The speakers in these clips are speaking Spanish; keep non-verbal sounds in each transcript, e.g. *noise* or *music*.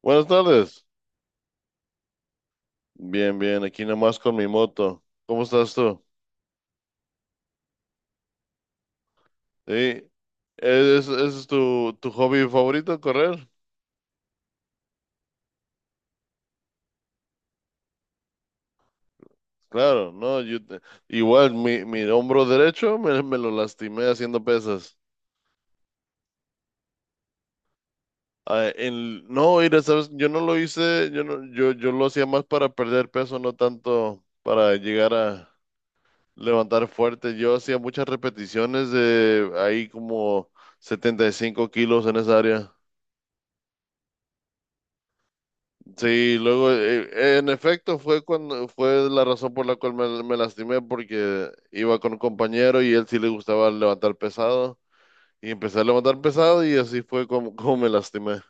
Buenas tardes. Bien, bien, aquí nomás con mi moto. ¿Cómo estás tú? Sí. ¿Ese es tu hobby favorito, ¿correr? Claro, no, yo te- igual mi, mi hombro derecho me lo lastimé haciendo pesas. No, mira, sabes, yo no lo hice, yo no, yo lo hacía más para perder peso, no tanto para llegar a levantar fuerte. Yo hacía muchas repeticiones de ahí como 75 kilos en esa área. Sí, luego, en efecto, fue cuando fue la razón por la cual me lastimé, porque iba con un compañero y él sí le gustaba levantar pesado, y empecé a levantar pesado y así fue como me lastimé.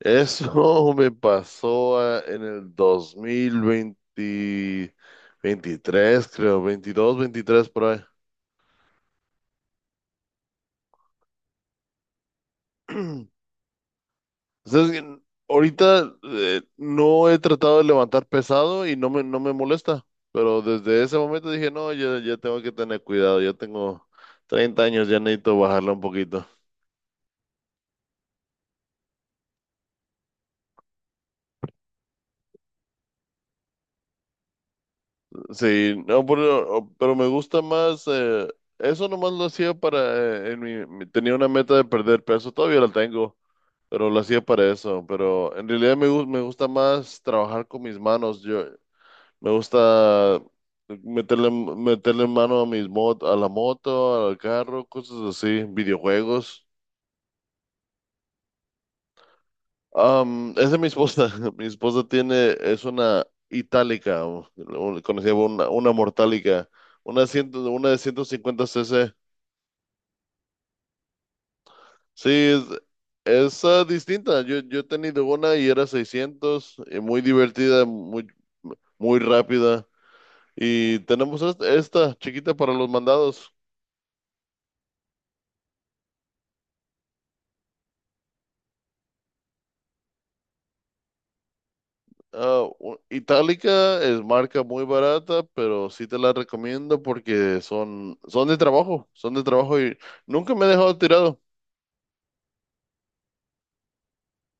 Eso *laughs* me pasó en el 2020, 23, creo, 22, 23 por ahí. *clears throat* Entonces, ahorita no he tratado de levantar pesado y no me molesta, pero desde ese momento dije, no, ya, ya tengo que tener cuidado, ya tengo 30 años, ya necesito bajarla un poquito. Sí, no, pero me gusta más, eso nomás lo hacía para, tenía una meta de perder peso, todavía la tengo, pero lo hacía para eso, pero en realidad me gusta más trabajar con mis manos. Yo, me gusta meterle mano a mis mot a la moto, al carro, cosas así, videojuegos. Es de mi esposa. *laughs* Mi esposa tiene, es una Itálica, o conocida como una Mortálica, una de 150 cc. Sí, es, distinta. Yo he tenido una y era 600 y muy divertida, muy, muy rápida. Y tenemos esta chiquita para los mandados. Itálica es marca muy barata, pero sí te la recomiendo porque son, son de trabajo y nunca me he dejado tirado.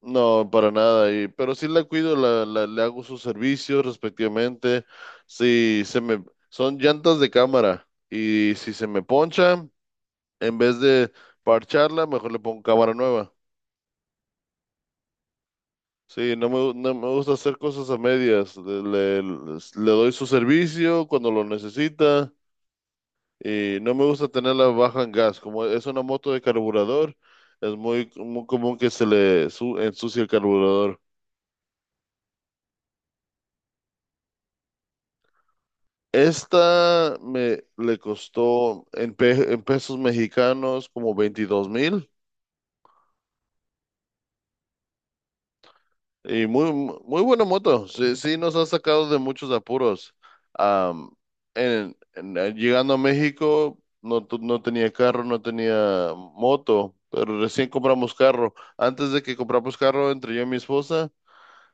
No, para nada, y, pero sí la cuido, le hago sus servicios respectivamente. Si se me, Son llantas de cámara y si se me poncha, en vez de parcharla, mejor le pongo cámara nueva. Sí, no me gusta hacer cosas a medias. Le doy su servicio cuando lo necesita. Y no me gusta tenerla baja en gas. Como es una moto de carburador, es muy común que ensucie el carburador. Esta me le costó en pesos mexicanos como 22.000. Y muy buena moto. Sí, sí nos ha sacado de muchos apuros. Am, Llegando a México, no tenía carro, no tenía moto, pero recién compramos carro. Antes de que compramos carro, entre yo y mi esposa,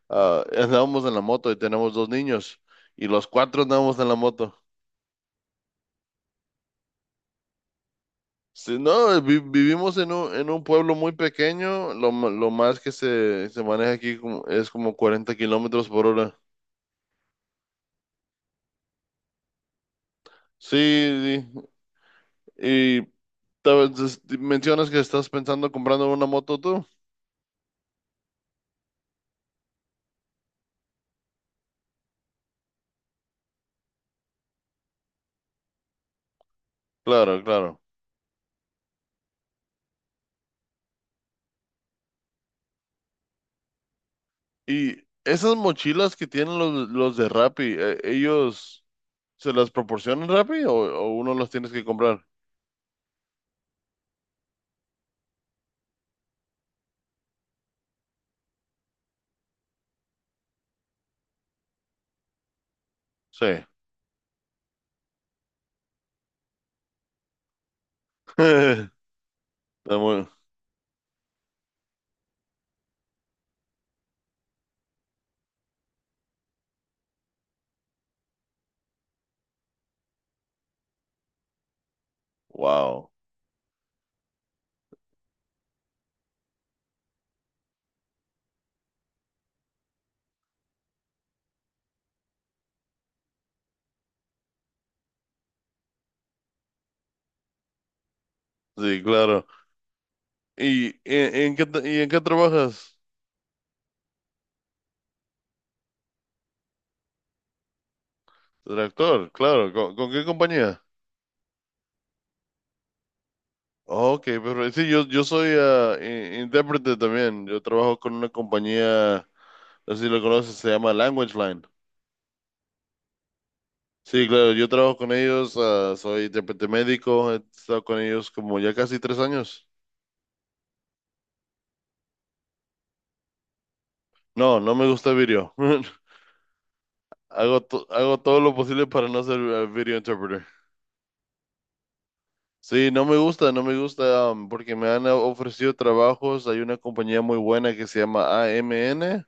andábamos en la moto y tenemos dos niños y los cuatro andábamos en la moto. Sí, no, vivimos en un pueblo muy pequeño, lo más que se maneja aquí es como 40 kilómetros por hora. Sí, sí. Y mencionas que estás pensando comprando una moto tú. Claro, claro. Y esas mochilas que tienen los de Rappi, ¿ellos se las proporcionan Rappi o uno las tienes que comprar? Sí. *laughs* Está muy- Wow. Sí, claro. ¿Y en qué trabajas? De actor, claro. Con qué compañía? Ok, pero sí, yo soy intérprete también. Yo trabajo con una compañía, no sé si lo conoces, se llama Language Line. Sí, claro, yo trabajo con ellos, ah, soy intérprete médico, he estado con ellos como ya casi 3 años. No, no me gusta video. *laughs* Hago todo lo posible para no ser video interpreter. Sí, no me gusta, no me gusta, porque me han ofrecido trabajos. Hay una compañía muy buena que se llama AMN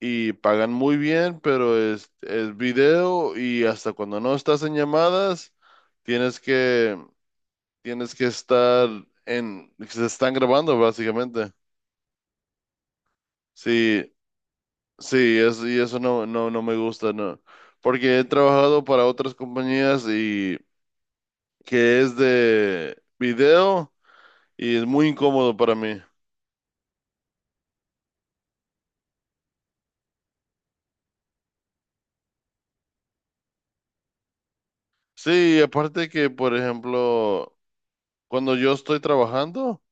y pagan muy bien, pero es video y hasta cuando no estás en llamadas, tienes que, tienes que estar se están grabando básicamente. Sí, sí, es, y eso no, no me gusta, no. Porque he trabajado para otras compañías y que es de video y es muy incómodo para mí. Sí, aparte que, por ejemplo, cuando yo estoy trabajando,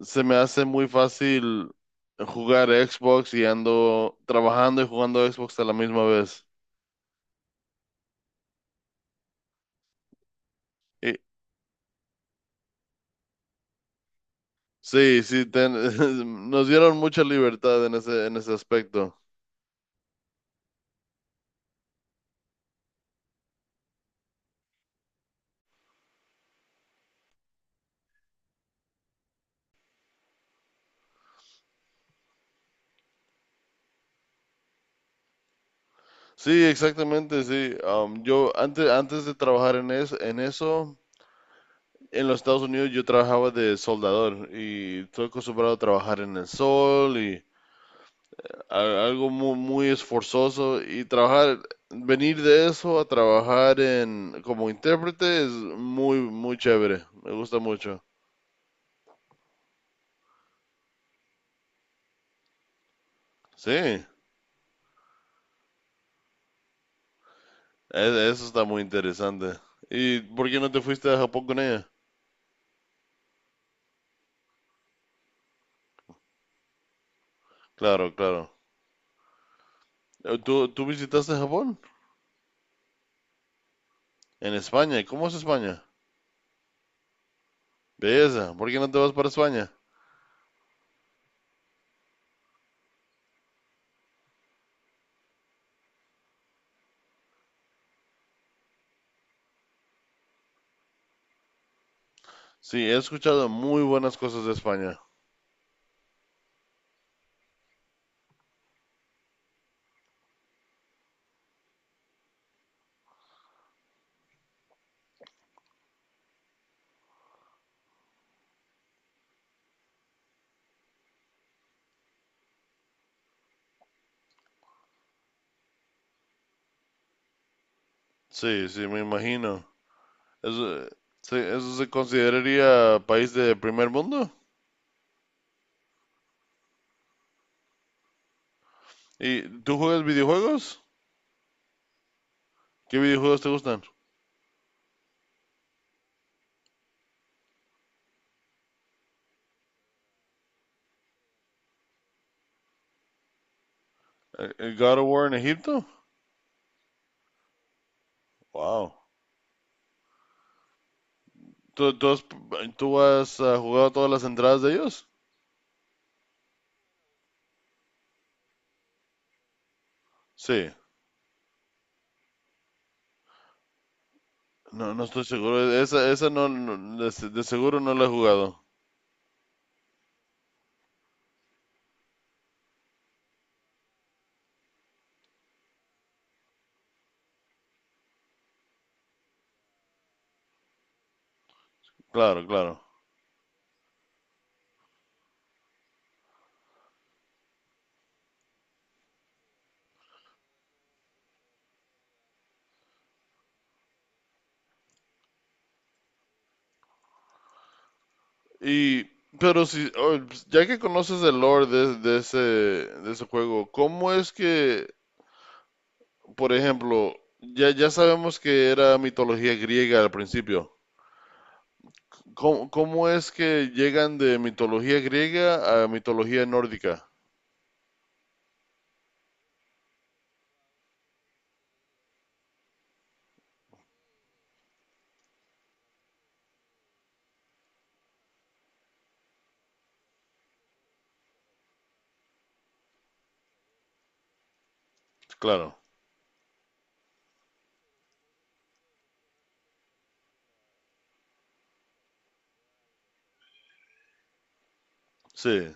se me hace muy fácil jugar Xbox y ando trabajando y jugando Xbox a la misma vez. Y- sí, sí, *laughs* nos dieron mucha libertad en en ese aspecto. Sí, exactamente, sí. Yo antes de trabajar en eso, en los Estados Unidos yo trabajaba de soldador y estoy acostumbrado a trabajar en el sol algo muy, muy esforzoso y venir de eso a trabajar en como intérprete es muy, muy chévere. Me gusta mucho. Sí, eso está muy interesante. ¿Y por qué no te fuiste a Japón con ella? Claro, claro. ¿Tú visitaste Japón? En España. ¿Y cómo es España? Belleza. ¿Por qué no te vas para España? Sí, he escuchado muy buenas cosas de España. Sí, sí, me imagino. Eso, sí, ¿eso se consideraría país de primer mundo? ¿Y tú juegas videojuegos? ¿Qué videojuegos te gustan? El God of War en Egipto? Wow. ¿Tú, tú has, ah, jugado todas las entradas de ellos? Sí. No, no estoy seguro. Esa no, de seguro no la he jugado. Claro, claro. Y, pero si, oh, pues, ya que conoces el lore de ese juego, ¿cómo es que, por ejemplo, ya, ya sabemos que era mitología griega al principio? ¿Cómo, cómo es que llegan de mitología griega a mitología nórdica? Claro, sí,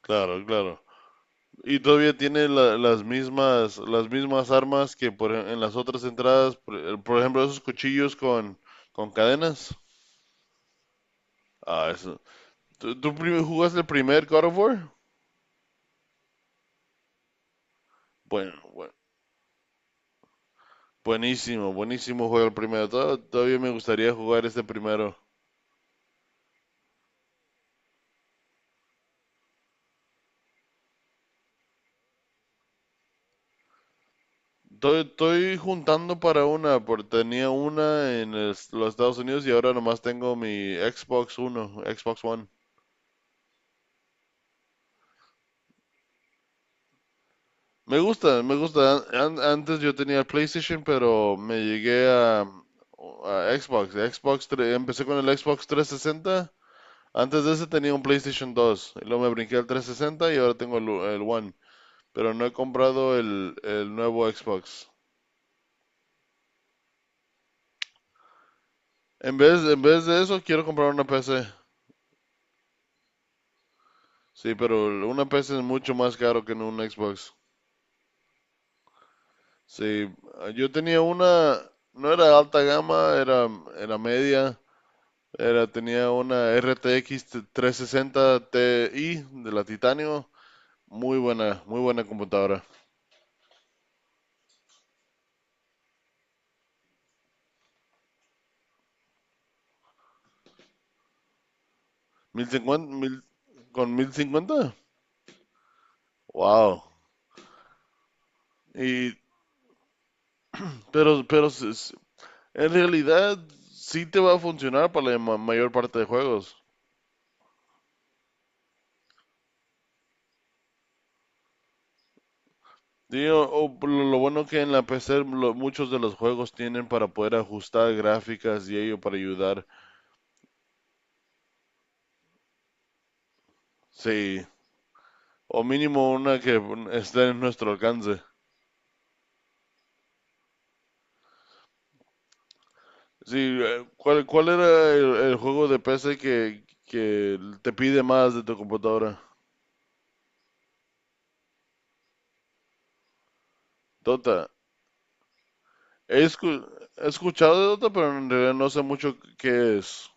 claro, claro. Y todavía tiene las mismas armas que en las otras entradas, por ejemplo, esos cuchillos con cadenas. Ah, eso. ¿Jugaste el primer God of War? Bueno, bueno, buenísimo, buenísimo juego el primero. Todavía me gustaría jugar este primero. Estoy, estoy juntando para una, porque tenía una en los Estados Unidos y ahora nomás tengo mi Xbox Uno, Xbox One. Me gusta, me gusta. Antes yo tenía PlayStation, pero me llegué a Xbox. Empecé con el Xbox 360. Antes de ese tenía un PlayStation dos. Y luego me brinqué al 360 y ahora tengo el One. Pero no he comprado el nuevo Xbox. En vez de eso, quiero comprar una PC. Sí, pero una PC es mucho más caro que en un Xbox. Sí, yo tenía una, no era alta gama, era, era media, era, tenía una RTX 360 Ti de la Titanio, muy buena computadora. 1050, con 1050, wow. Y, pero en realidad sí te va a funcionar para la mayor parte de juegos. Digo, o por lo bueno que en la PC muchos de los juegos tienen para poder ajustar gráficas y ello para ayudar. Sí, o mínimo una que esté en nuestro alcance. Sí, ¿cuál era el juego de PC que te pide más de tu computadora? Dota. He, escu- He escuchado de Dota, pero en realidad no sé mucho qué es.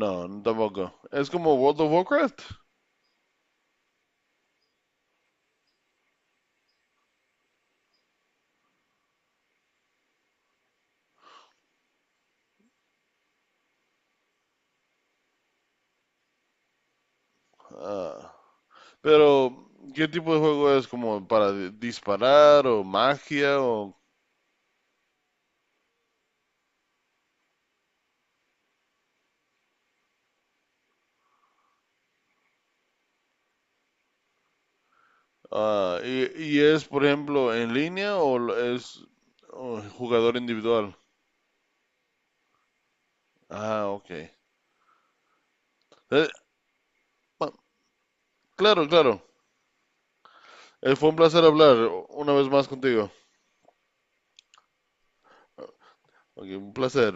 No, tampoco. Es como World of Warcraft. Ah. Pero, ¿qué tipo de juego es? ¿Como para disparar o magia? O, y es, por ejemplo, ¿en línea o lo- es oh, jugador individual? Ah, ok. Eh, pa- claro, claro. Fue un placer hablar una vez más contigo. Ok, un placer.